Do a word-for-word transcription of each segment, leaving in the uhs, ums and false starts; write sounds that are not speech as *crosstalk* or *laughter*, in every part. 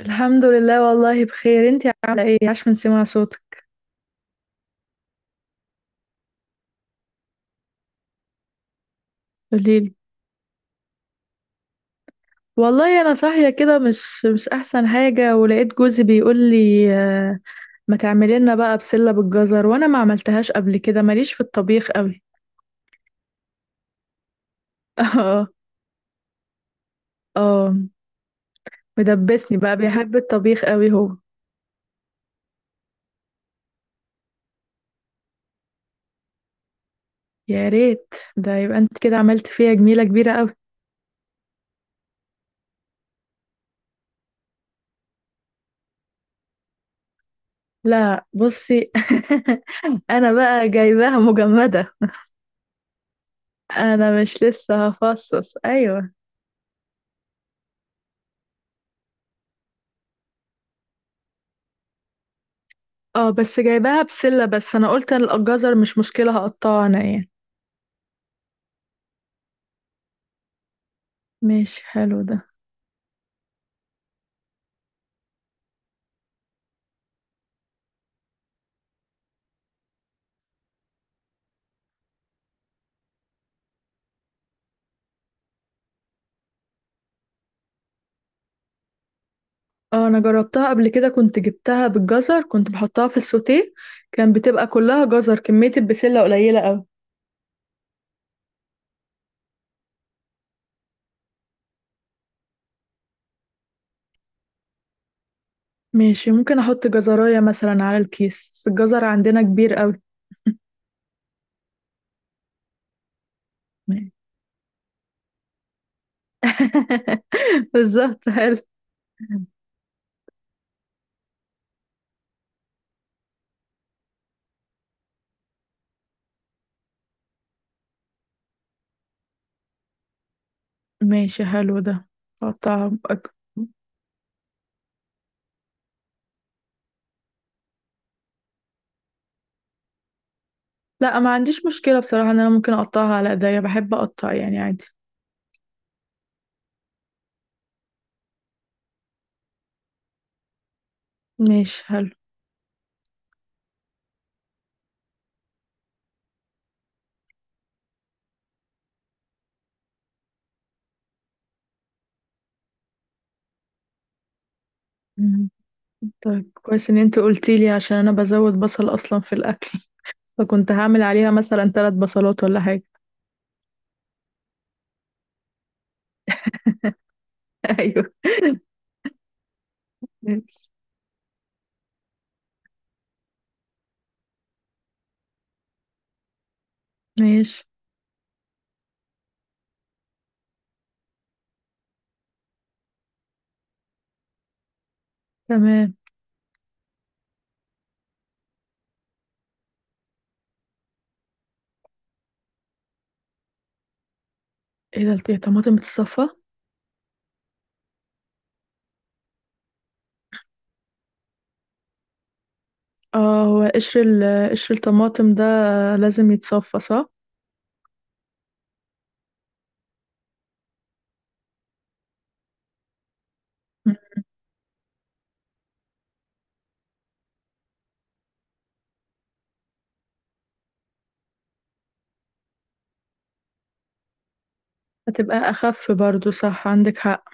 الحمد لله والله بخير. انتي عامله ايه؟ عاش من سمع صوتك. قوليلي. والله انا صاحيه كده مش مش احسن حاجه، ولقيت جوزي بيقول لي: آه، ما تعملي لنا بقى بسله بالجزر، وانا ما عملتهاش قبل كده، ماليش في الطبيخ قوي. *laughs* اه. اه. مدبسني بقى، بيحب الطبيخ قوي هو. يا ريت، ده يبقى انت كده عملت فيها جميله كبيره قوي. لا بصي. *laughs* انا بقى جايباها مجمده. انا مش لسه هفصص، ايوه. اه، بس جايباها بسلة، بس انا قلت الجزر مش مشكلة، هقطعها انا يعني. ماشي حلو ده. اه، انا جربتها قبل كده، كنت جبتها بالجزر، كنت بحطها في السوتيه، كان بتبقى كلها جزر، كمية البسلة قليلة اوي. ماشي، ممكن احط جزراية مثلا على الكيس، بس الجزر عندنا كبير اوي. ماشي. *laughs* بالظبط حلو. ماشي حلو ده. اقطعها بأك... لا، ما عنديش مشكلة بصراحة ان انا ممكن اقطعها على ايديا، بحب اقطع يعني عادي. ماشي حلو. طيب كويس ان انت قلتي لي، عشان انا بزود بصل اصلا في الاكل، فكنت هعمل عليها مثلا ثلاث بصلات ولا حاجه. *laughs* ايوه. ماشي. ماشي. تمام. ايه ده، الطماطم بتتصفى؟ اه، هو قشر ال- قشر الطماطم ده لازم يتصفى، صح؟ مم. هتبقى اخف برضو، صح، عندك حق.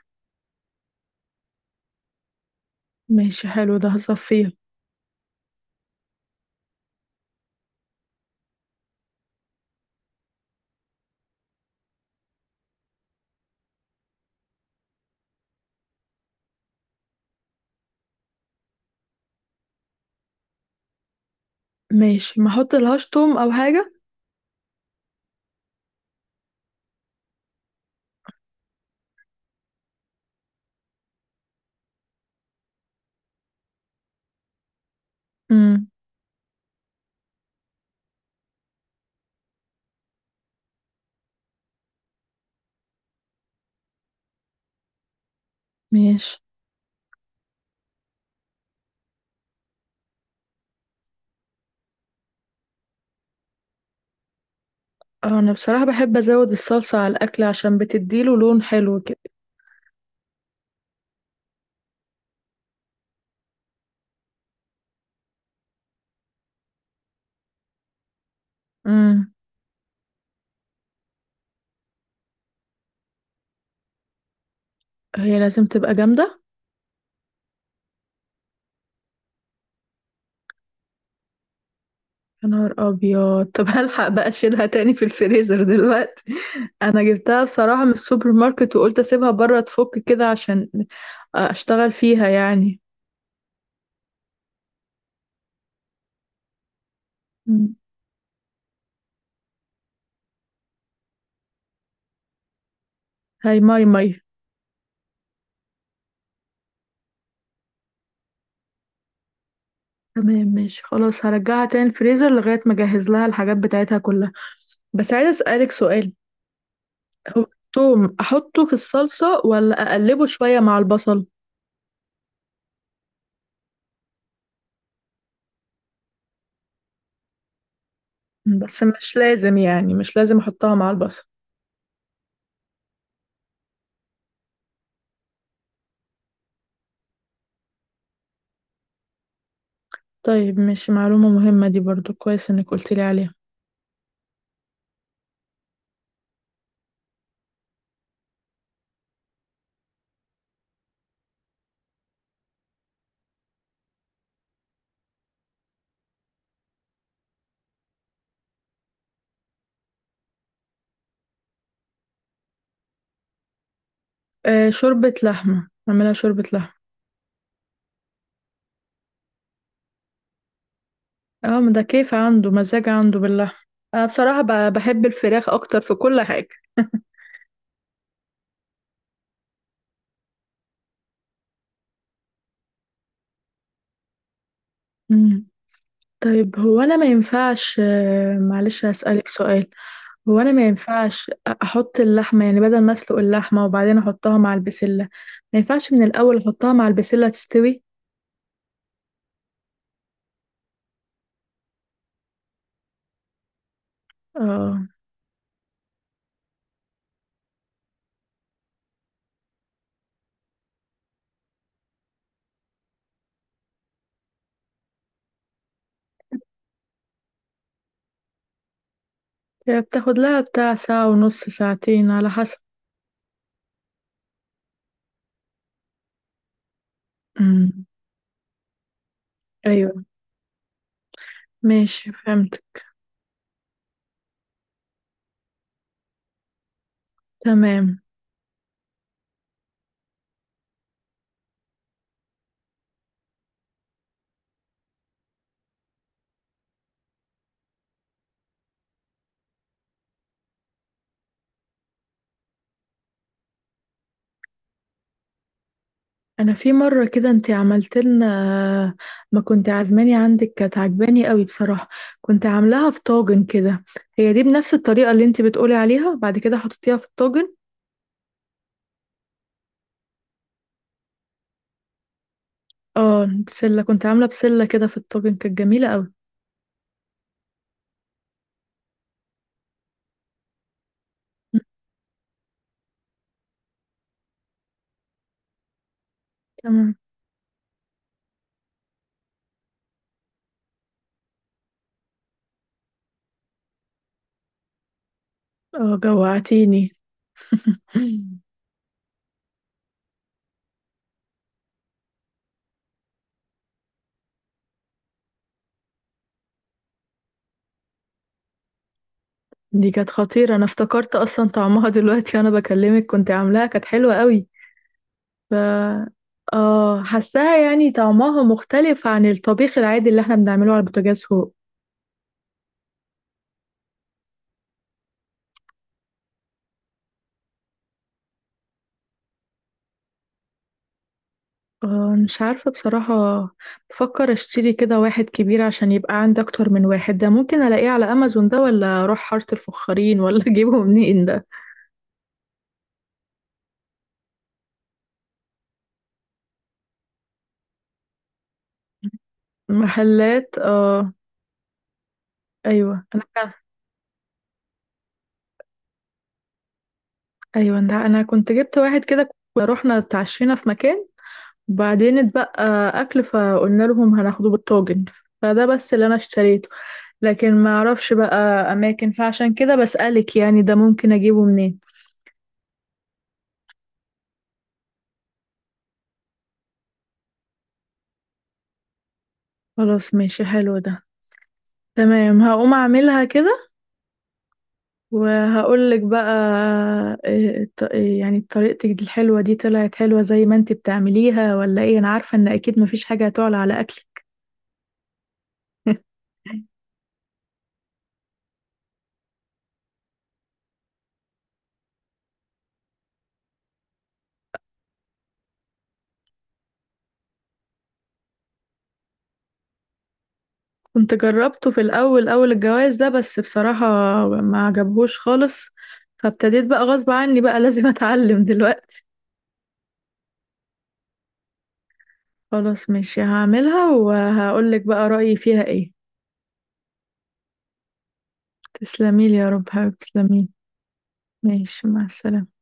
ماشي حلو ده، هصفيه. ماشي، ما احط لهاش توم او حاجه؟ امم. ماشي. اه انا بصراحه بحب ازود الصلصه على الاكل، عشان بتديله لون حلو كده. امم. هي لازم تبقى جامده؟ يا نهار ابيض، طب هلحق بقى اشيلها تاني في الفريزر دلوقتي. انا جبتها بصراحة من السوبر ماركت، وقلت اسيبها بره تفك كده عشان اشتغل فيها يعني. مم. هاي ماي ماي. تمام ماشي، خلاص هرجعها تاني الفريزر لغاية ما اجهز لها الحاجات بتاعتها كلها. بس عايزة اسألك سؤال. هو التوم احطه في الصلصة، ولا اقلبه شوية مع البصل؟ مم. بس مش لازم يعني، مش لازم احطها مع البصل؟ طيب ماشي، معلومة مهمة دي برضو، كويس انك قلت لي عليها. آه شوربة لحمة، اعملها شوربة لحمة. اه، ما ده كيف عنده مزاج، عنده باللحمة. انا بصراحة ب- بحب الفراخ اكتر في كل حاجة. مم. طيب هو انا ما ينفعش، آه، معلش هسألك سؤال. هو انا ما ينفعش احط اللحمة يعني، بدل ما اسلق اللحمة وبعدين احطها مع البسلة، ما ينفعش من الاول احطها مع البسلة تستوي؟ اه، هي بتاخد لها بتاع ساعة ونص ساعتين على حسب. مم. ايوه. ماشي فهمت. تمام. انا في مره كده انت عملت لنا، ما كنت عازماني عندك، كانت عجباني قوي بصراحه. كنت عاملاها في طاجن كده. هي دي بنفس الطريقه اللي انت بتقولي عليها، بعد كده حطيتيها في الطاجن؟ اه، بسله كنت عامله، بسله كده في الطاجن، كانت جميله قوي. تمام. اه جوعتيني. *laughs* دي كانت خطيره، انا افتكرت اصلا طعمها دلوقتي وانا بكلمك، كنت عاملاها كانت حلوه قوي. ف اه، حاساها يعني طعمها مختلف عن الطبيخ العادي اللي احنا بنعمله على البوتاجاز هو. آه، مش عارفة بصراحة. بفكر اشتري كده واحد كبير عشان يبقى عندي اكتر من واحد، ده ممكن الاقيه على امازون، ده ولا اروح حارة الفخارين، ولا *laughs* اجيبه منين ده؟ محلات، اه. ايوه، انا كان ايوه ده انا كنت جبت واحد كده. كنا رحنا اتعشينا في مكان، وبعدين اتبقى اكل، فقلنا لهم هناخده بالطاجن. فده بس اللي انا اشتريته. لكن ما اعرفش بقى اماكن، فعشان كده بسألك يعني، ده ممكن اجيبه منين؟ خلاص ماشي حلو ده. تمام، هقوم اعملها كده وهقول لك بقى. إيه الط- إيه يعني طريقتك الحلوة دي طلعت حلوة زي ما انت بتعمليها ولا ايه؟ انا عارفة ان اكيد مفيش حاجة هتعلى على اكلك. *laughs* كنت جربته في الاول، اول الجواز ده، بس بصراحة ما عجبهوش خالص، فابتديت بقى غصب عني بقى. *laughs* لازم اتعلم دلوقتي. خلاص ماشي، هعملها وهقول لك بقى رأيي فيها ايه. تسلميلي يا رب حبيبتي، تسلميلي. ماشي، مع السلامة.